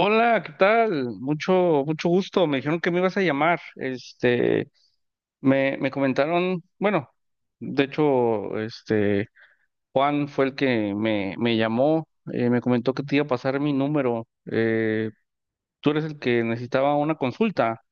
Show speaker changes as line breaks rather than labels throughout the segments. Hola, ¿qué tal? Mucho, mucho gusto. Me dijeron que me ibas a llamar. Este, me comentaron, bueno, de hecho, este, Juan fue el que me llamó, me comentó que te iba a pasar mi número. Eh, Tú eres el que necesitaba una consulta.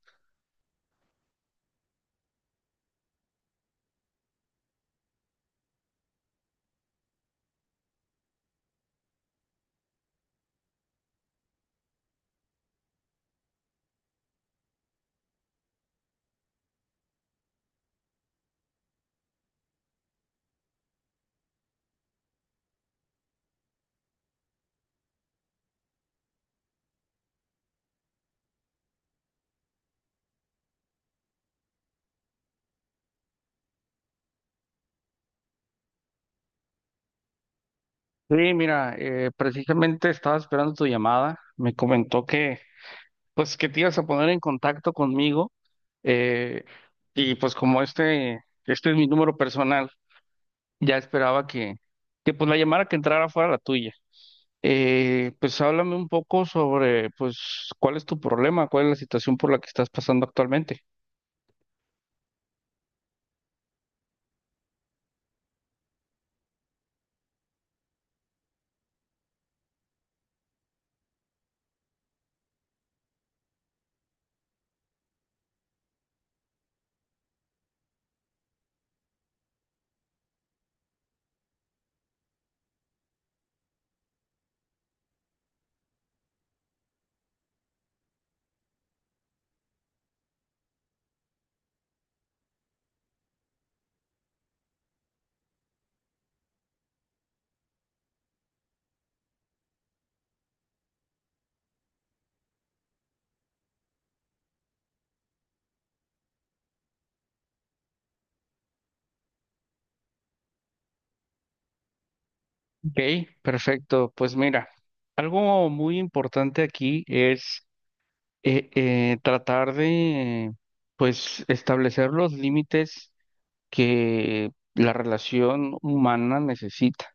Sí, mira, precisamente estaba esperando tu llamada. Me comentó que, pues, que te ibas a poner en contacto conmigo. eh, y pues como este es mi número personal. Ya esperaba que pues la llamara que entrara fuera la tuya. Pues háblame un poco sobre pues cuál es tu problema, cuál es la situación por la que estás pasando actualmente. Ok, perfecto. Pues mira, algo muy importante aquí es tratar de pues establecer los límites que la relación humana necesita.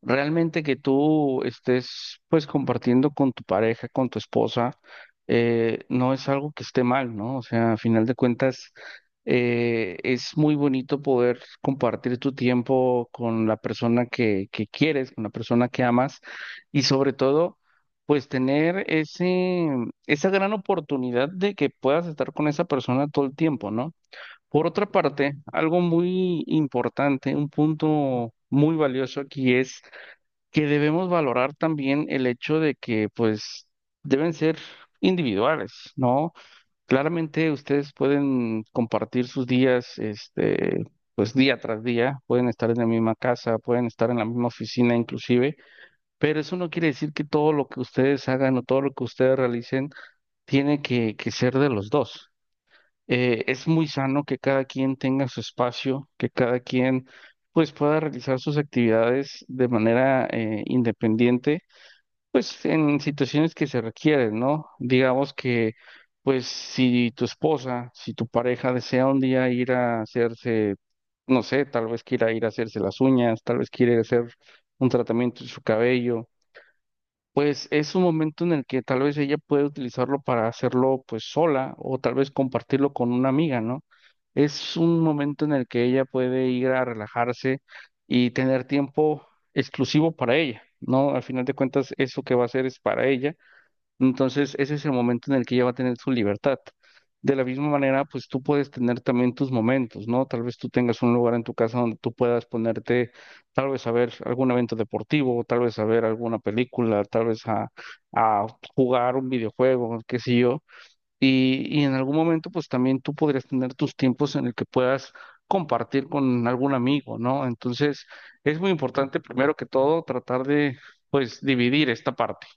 Realmente que tú estés pues compartiendo con tu pareja, con tu esposa, no es algo que esté mal, ¿no? O sea, a final de cuentas, es muy bonito poder compartir tu tiempo con la persona que quieres, con la persona que amas y sobre todo, pues tener esa gran oportunidad de que puedas estar con esa persona todo el tiempo, ¿no? Por otra parte, algo muy importante, un punto muy valioso aquí es que debemos valorar también el hecho de que pues deben ser individuales, ¿no? Claramente ustedes pueden compartir sus días, este, pues día tras día, pueden estar en la misma casa, pueden estar en la misma oficina inclusive, pero eso no quiere decir que todo lo que ustedes hagan o todo lo que ustedes realicen tiene que ser de los dos. Es muy sano que cada quien tenga su espacio, que cada quien pues pueda realizar sus actividades de manera independiente pues en situaciones que se requieren, ¿no? Digamos que, pues si tu esposa, si tu pareja desea un día ir a hacerse, no sé, tal vez quiera ir a hacerse las uñas, tal vez quiere hacer un tratamiento en su cabello, pues es un momento en el que tal vez ella puede utilizarlo para hacerlo pues sola o tal vez compartirlo con una amiga, ¿no? Es un momento en el que ella puede ir a relajarse y tener tiempo exclusivo para ella, ¿no? Al final de cuentas, eso que va a hacer es para ella. Entonces, ese es el momento en el que ella va a tener su libertad. De la misma manera, pues tú puedes tener también tus momentos, ¿no? Tal vez tú tengas un lugar en tu casa donde tú puedas ponerte, tal vez a ver algún evento deportivo, tal vez a ver alguna película, tal vez a jugar un videojuego, qué sé yo. Y en algún momento, pues también tú podrías tener tus tiempos en el que puedas compartir con algún amigo, ¿no? Entonces, es muy importante, primero que todo, tratar de, pues, dividir esta parte.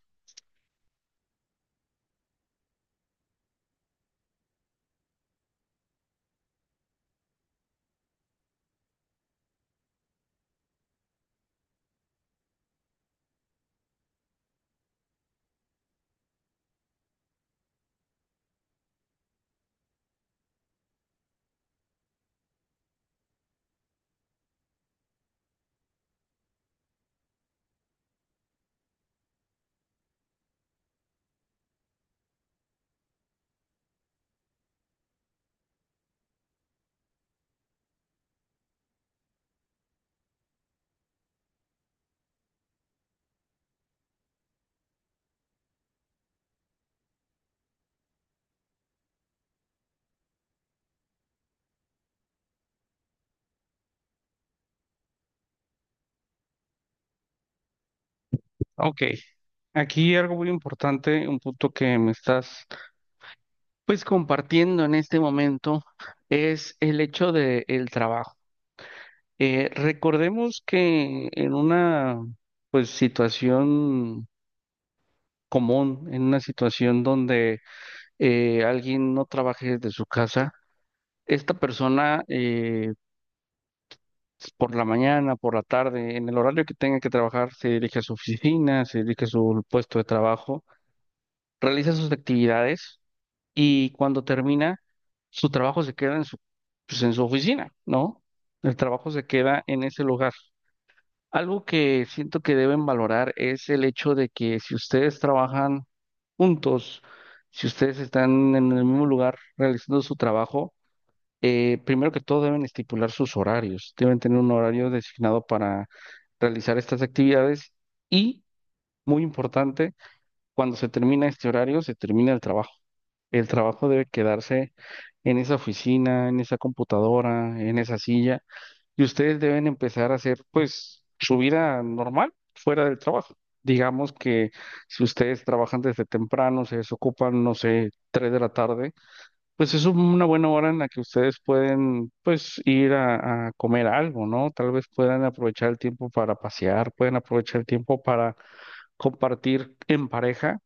Ok, aquí algo muy importante, un punto que me estás pues compartiendo en este momento es el hecho de el trabajo. Recordemos que en una pues situación común, en una situación donde alguien no trabaje desde su casa, esta persona por la mañana, por la tarde, en el horario que tenga que trabajar, se dirige a su oficina, se dirige a su puesto de trabajo, realiza sus actividades y cuando termina, su trabajo se queda en su, pues, en su oficina, ¿no? El trabajo se queda en ese lugar. Algo que siento que deben valorar es el hecho de que si ustedes trabajan juntos, si ustedes están en el mismo lugar realizando su trabajo, primero que todo deben estipular sus horarios, deben tener un horario designado para realizar estas actividades y, muy importante, cuando se termina este horario, se termina el trabajo. El trabajo debe quedarse en esa oficina, en esa computadora, en esa silla, y ustedes deben empezar a hacer, pues, su vida normal fuera del trabajo. Digamos que si ustedes trabajan desde temprano, se desocupan, no sé, 3 de la tarde, pues es una buena hora en la que ustedes pueden, pues, ir a comer algo, ¿no? Tal vez puedan aprovechar el tiempo para pasear, pueden aprovechar el tiempo para compartir en pareja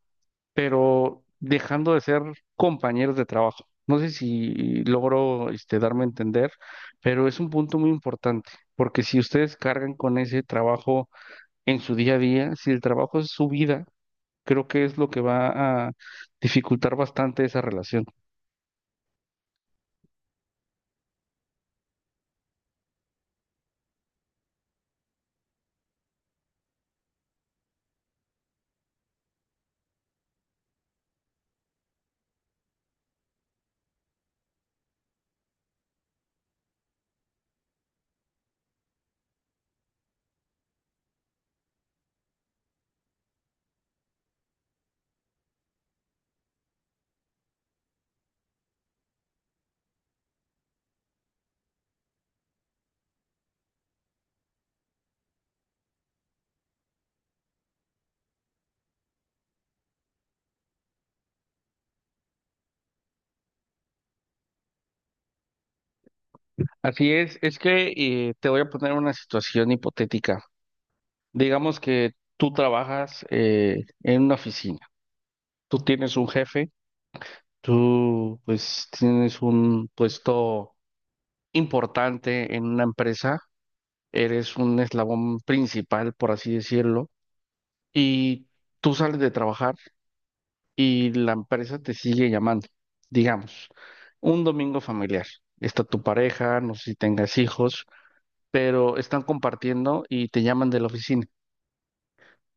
pero dejando de ser compañeros de trabajo. No sé si logro este, darme a entender, pero es un punto muy importante, porque si ustedes cargan con ese trabajo en su día a día, si el trabajo es su vida, creo que es lo que va a dificultar bastante esa relación. Así es que te voy a poner una situación hipotética. Digamos que tú trabajas en una oficina, tú tienes un jefe, tú pues tienes un puesto importante en una empresa, eres un eslabón principal, por así decirlo, y tú sales de trabajar y la empresa te sigue llamando. Digamos, un domingo familiar. Está tu pareja, no sé si tengas hijos, pero están compartiendo y te llaman de la oficina.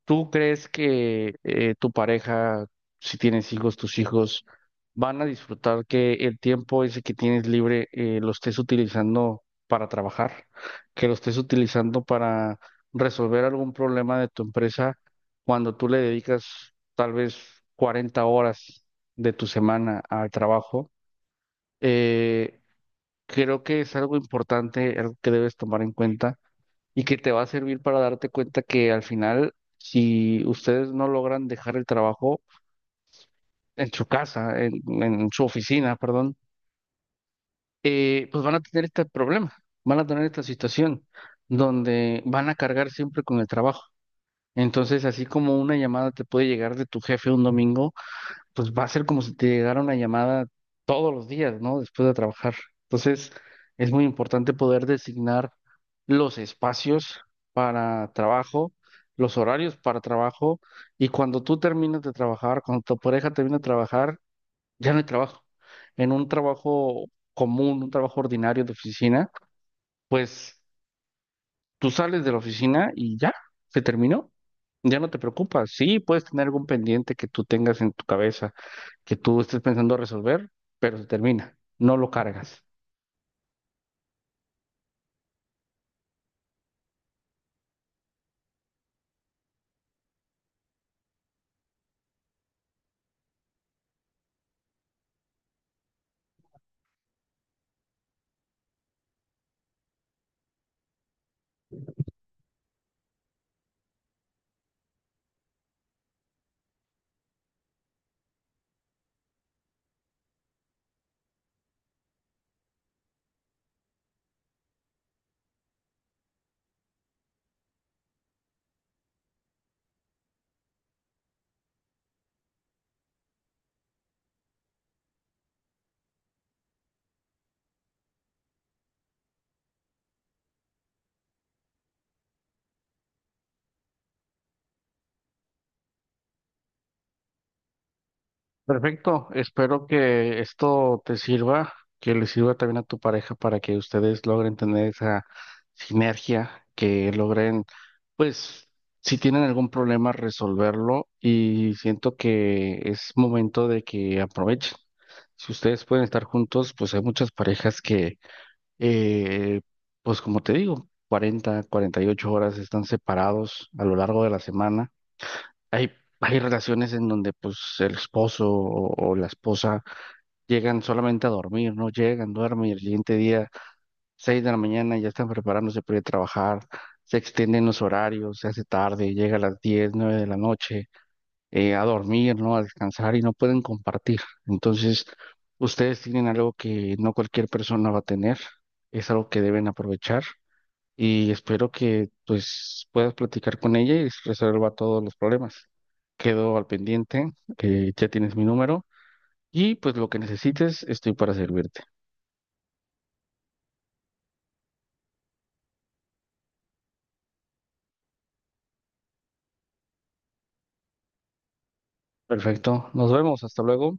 ¿Tú crees que tu pareja, si tienes hijos, tus hijos van a disfrutar que el tiempo ese que tienes libre lo estés utilizando para trabajar, que lo estés utilizando para resolver algún problema de tu empresa cuando tú le dedicas tal vez 40 horas de tu semana al trabajo? Eh, Creo que es algo importante, algo que debes tomar en cuenta y que te va a servir para darte cuenta que al final, si ustedes no logran dejar el trabajo en su casa, en su oficina, perdón, pues van a tener este problema, van a tener esta situación donde van a cargar siempre con el trabajo. Entonces, así como una llamada te puede llegar de tu jefe un domingo, pues va a ser como si te llegara una llamada todos los días, ¿no? Después de trabajar. Entonces, es muy importante poder designar los espacios para trabajo, los horarios para trabajo, y cuando tú terminas de trabajar, cuando tu pareja termina de trabajar, ya no hay trabajo. En un trabajo común, un trabajo ordinario de oficina, pues tú sales de la oficina y ya, se terminó. Ya no te preocupas. Sí, puedes tener algún pendiente que tú tengas en tu cabeza, que tú estés pensando resolver, pero se termina. No lo cargas. Perfecto, espero que esto te sirva, que le sirva también a tu pareja para que ustedes logren tener esa sinergia, que logren, pues, si tienen algún problema, resolverlo y siento que es momento de que aprovechen. Si ustedes pueden estar juntos, pues hay muchas parejas que, eh, pues como te digo, cuarenta, 48 horas están separados a lo largo de la semana hay, hay relaciones en donde pues el esposo o la esposa llegan solamente a dormir, ¿no? Llegan, duermen y el siguiente día, 6 de la mañana, ya están preparándose para ir a trabajar, se extienden los horarios, se hace tarde, llega a las 10, 9 de la noche, a dormir, ¿no? A descansar y no pueden compartir. Entonces, ustedes tienen algo que no cualquier persona va a tener, es algo que deben aprovechar y espero que pues puedas platicar con ella y resuelva todos los problemas. Quedo al pendiente, ya tienes mi número y pues lo que necesites estoy para servirte. Perfecto, nos vemos, hasta luego.